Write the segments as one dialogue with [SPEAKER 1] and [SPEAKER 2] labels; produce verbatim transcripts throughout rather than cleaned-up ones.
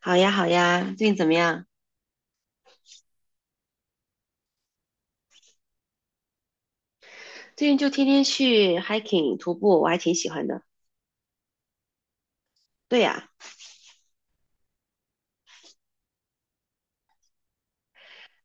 [SPEAKER 1] 好呀，好呀，最近怎么样？最近就天天去 hiking 徒步，我还挺喜欢的。对呀，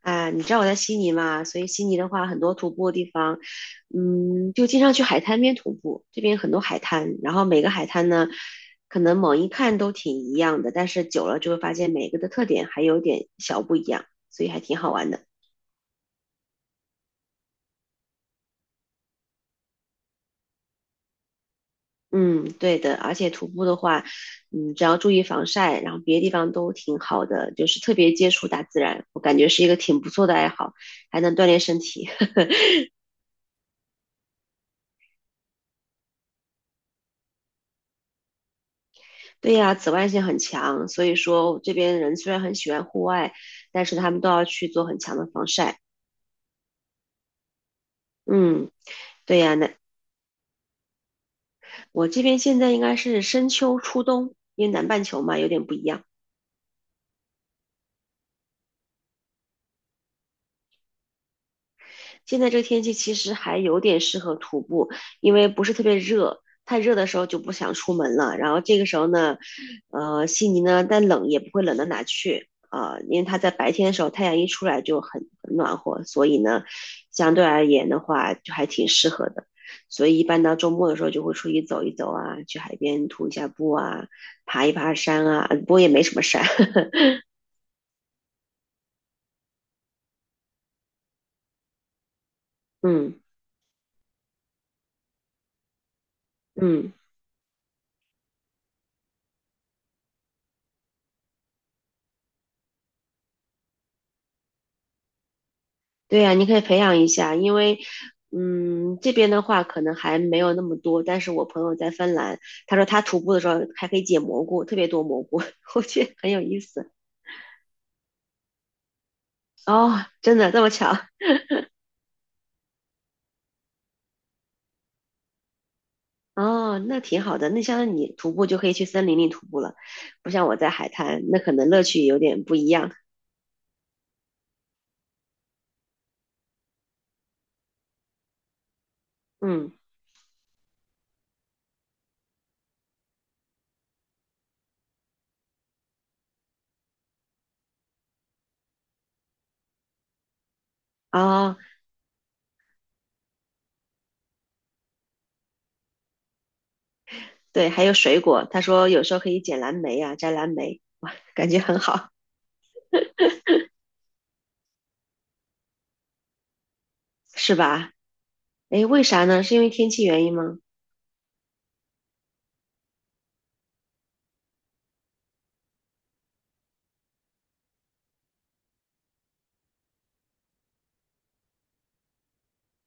[SPEAKER 1] 啊，你知道我在悉尼嘛，所以悉尼的话，很多徒步的地方，嗯，就经常去海滩边徒步。这边很多海滩，然后每个海滩呢，可能猛一看都挺一样的，但是久了就会发现每个的特点还有点小不一样，所以还挺好玩的。嗯，对的，而且徒步的话，嗯，只要注意防晒，然后别的地方都挺好的，就是特别接触大自然，我感觉是一个挺不错的爱好，还能锻炼身体。对呀，紫外线很强，所以说这边人虽然很喜欢户外，但是他们都要去做很强的防晒。嗯，对呀，那我这边现在应该是深秋初冬，因为南半球嘛有点不一样。现在这个天气其实还有点适合徒步，因为不是特别热，太热的时候就不想出门了。然后这个时候呢，呃，悉尼呢，但冷也不会冷到哪去啊、呃因为它在白天的时候太阳一出来就很很暖和，所以呢，相对而言的话就还挺适合的。所以一般到周末的时候就会出去走一走啊，去海边徒一下步啊，爬一爬山啊，呃不过也没什么山。嗯嗯。对呀，你可以培养一下，因为，嗯，这边的话可能还没有那么多，但是我朋友在芬兰，他说他徒步的时候还可以捡蘑菇，特别多蘑菇，我觉得很有意思。哦，真的这么巧？哦，那挺好的。那像你徒步就可以去森林里徒步了，不像我在海滩，那可能乐趣有点不一样。嗯，哦，对，还有水果，他说有时候可以捡蓝莓啊，摘蓝莓，哇，感觉很好，是吧？诶，为啥呢？是因为天气原因吗？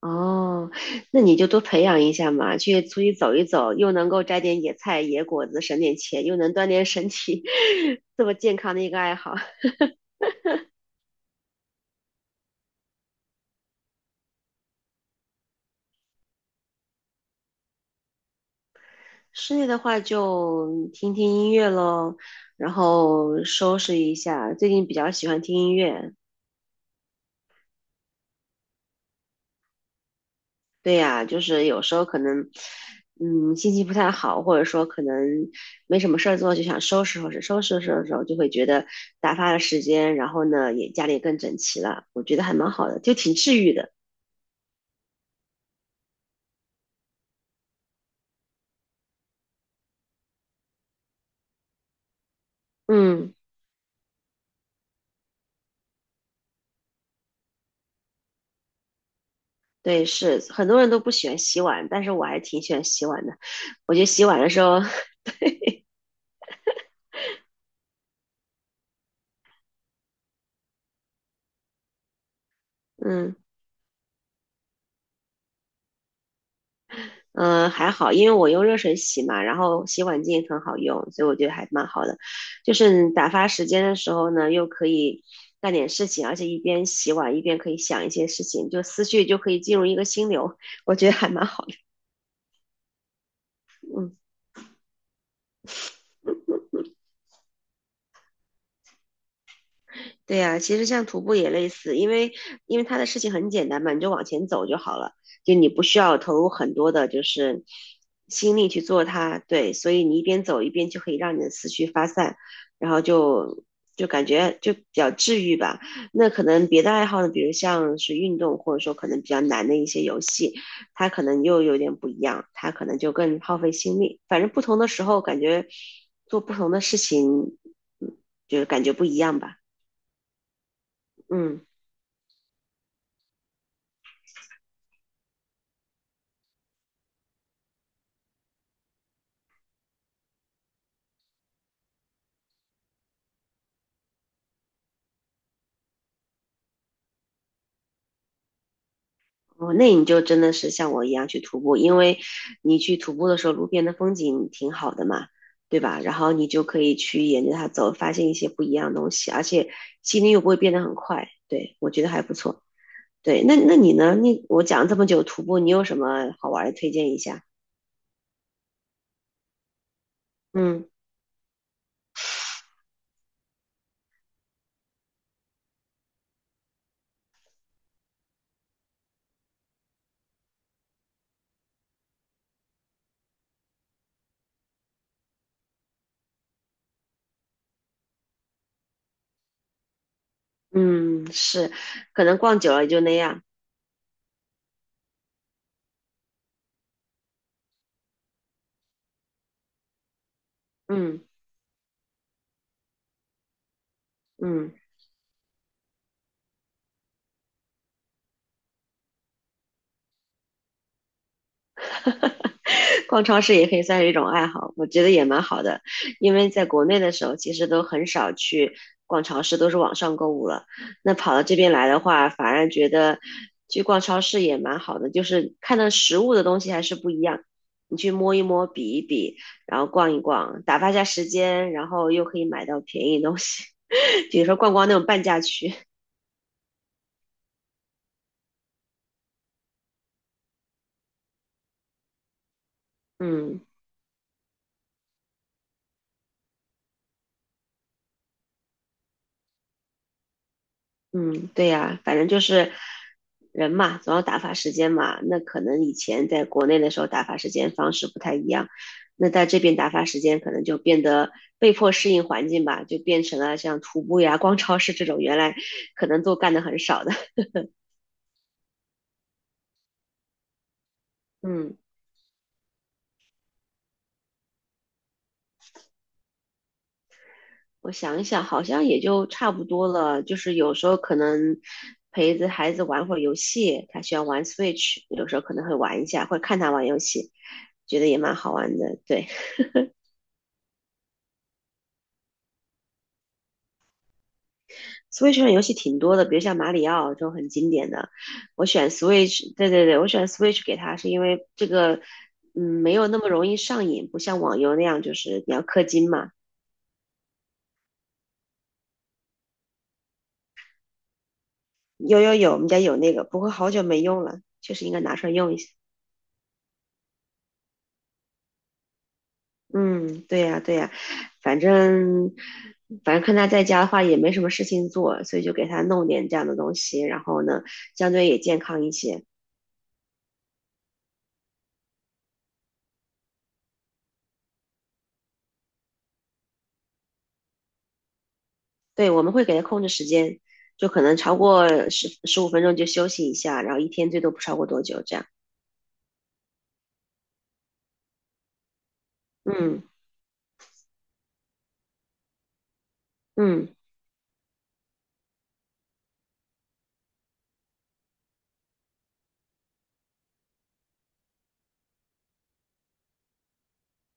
[SPEAKER 1] 哦，那你就多培养一下嘛，去出去走一走，又能够摘点野菜、野果子，省点钱，又能锻炼身体，这么健康的一个爱好。室内的话就听听音乐喽，然后收拾一下。最近比较喜欢听音乐，对呀，就是有时候可能，嗯，心情不太好，或者说可能没什么事儿做，就想收拾收拾，收拾收拾收拾，就会觉得打发了时间，然后呢，也家里更整齐了，我觉得还蛮好的，就挺治愈的。嗯，对，是很多人都不喜欢洗碗，但是我还挺喜欢洗碗的。我觉得洗碗的时候，嗯嗯、呃还好，因为我用热水洗嘛，然后洗碗巾也很好用，所以我觉得还蛮好的。就是你打发时间的时候呢，又可以干点事情，而且一边洗碗一边可以想一些事情，就思绪就可以进入一个心流，我觉得还蛮好的。嗯。对呀，其实像徒步也类似，因为因为它的事情很简单嘛，你就往前走就好了，就你不需要投入很多的，就是心力去做它。对，所以你一边走一边就可以让你的思绪发散，然后就就感觉就比较治愈吧。那可能别的爱好呢，比如像是运动，或者说可能比较难的一些游戏，它可能又有点不一样，它可能就更耗费心力。反正不同的时候，感觉做不同的事情，嗯，就是感觉不一样吧。嗯。哦，那你就真的是像我一样去徒步，因为你去徒步的时候，路边的风景挺好的嘛，对吧？然后你就可以去沿着它走，发现一些不一样的东西，而且心率又不会变得很快。对，我觉得还不错。对，那那你呢？你我讲了这么久徒步，你有什么好玩的推荐一下？嗯嗯，是，可能逛久了也就那样。嗯嗯。逛超市也可以算是一种爱好，我觉得也蛮好的。因为在国内的时候，其实都很少去逛超市，都是网上购物了。那跑到这边来的话，反而觉得去逛超市也蛮好的，就是看到实物的东西还是不一样。你去摸一摸，比一比，然后逛一逛，打发一下时间，然后又可以买到便宜东西，比如说逛逛那种半价区。嗯，嗯，对呀，反正就是人嘛，总要打发时间嘛。那可能以前在国内的时候打发时间方式不太一样，那在这边打发时间可能就变得被迫适应环境吧，就变成了像徒步呀、逛超市这种原来可能都干的很少的。嗯，我想一想，好像也就差不多了。就是有时候可能陪着孩子玩会儿游戏，他喜欢玩 Switch，有时候可能会玩一下，会看他玩游戏，觉得也蛮好玩的。对。Switch 上游戏挺多的，比如像马里奥这种很经典的。我选 Switch，对对对，我选 Switch 给它是因为这个，嗯，没有那么容易上瘾，不像网游那样就是你要氪金嘛。有有有，我们家有那个，不过好久没用了，确实应该拿出来用一下。嗯，对呀对呀，反正反正看他在家的话也没什么事情做，所以就给他弄点这样的东西，然后呢，相对也健康一些。对，我们会给他控制时间，就可能超过十十五分钟就休息一下，然后一天最多不超过多久这样。嗯嗯，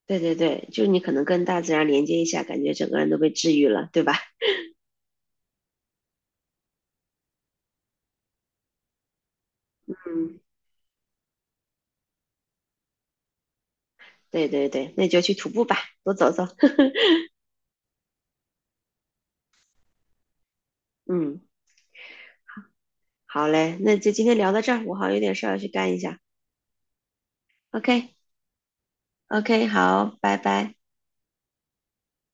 [SPEAKER 1] 对对对，就是你可能跟大自然连接一下，感觉整个人都被治愈了，对吧？嗯，对对对，那你就去徒步吧，多走走。嗯，好嘞，那就今天聊到这儿，我好像有点事儿要去干一下。OK OK，好，拜拜。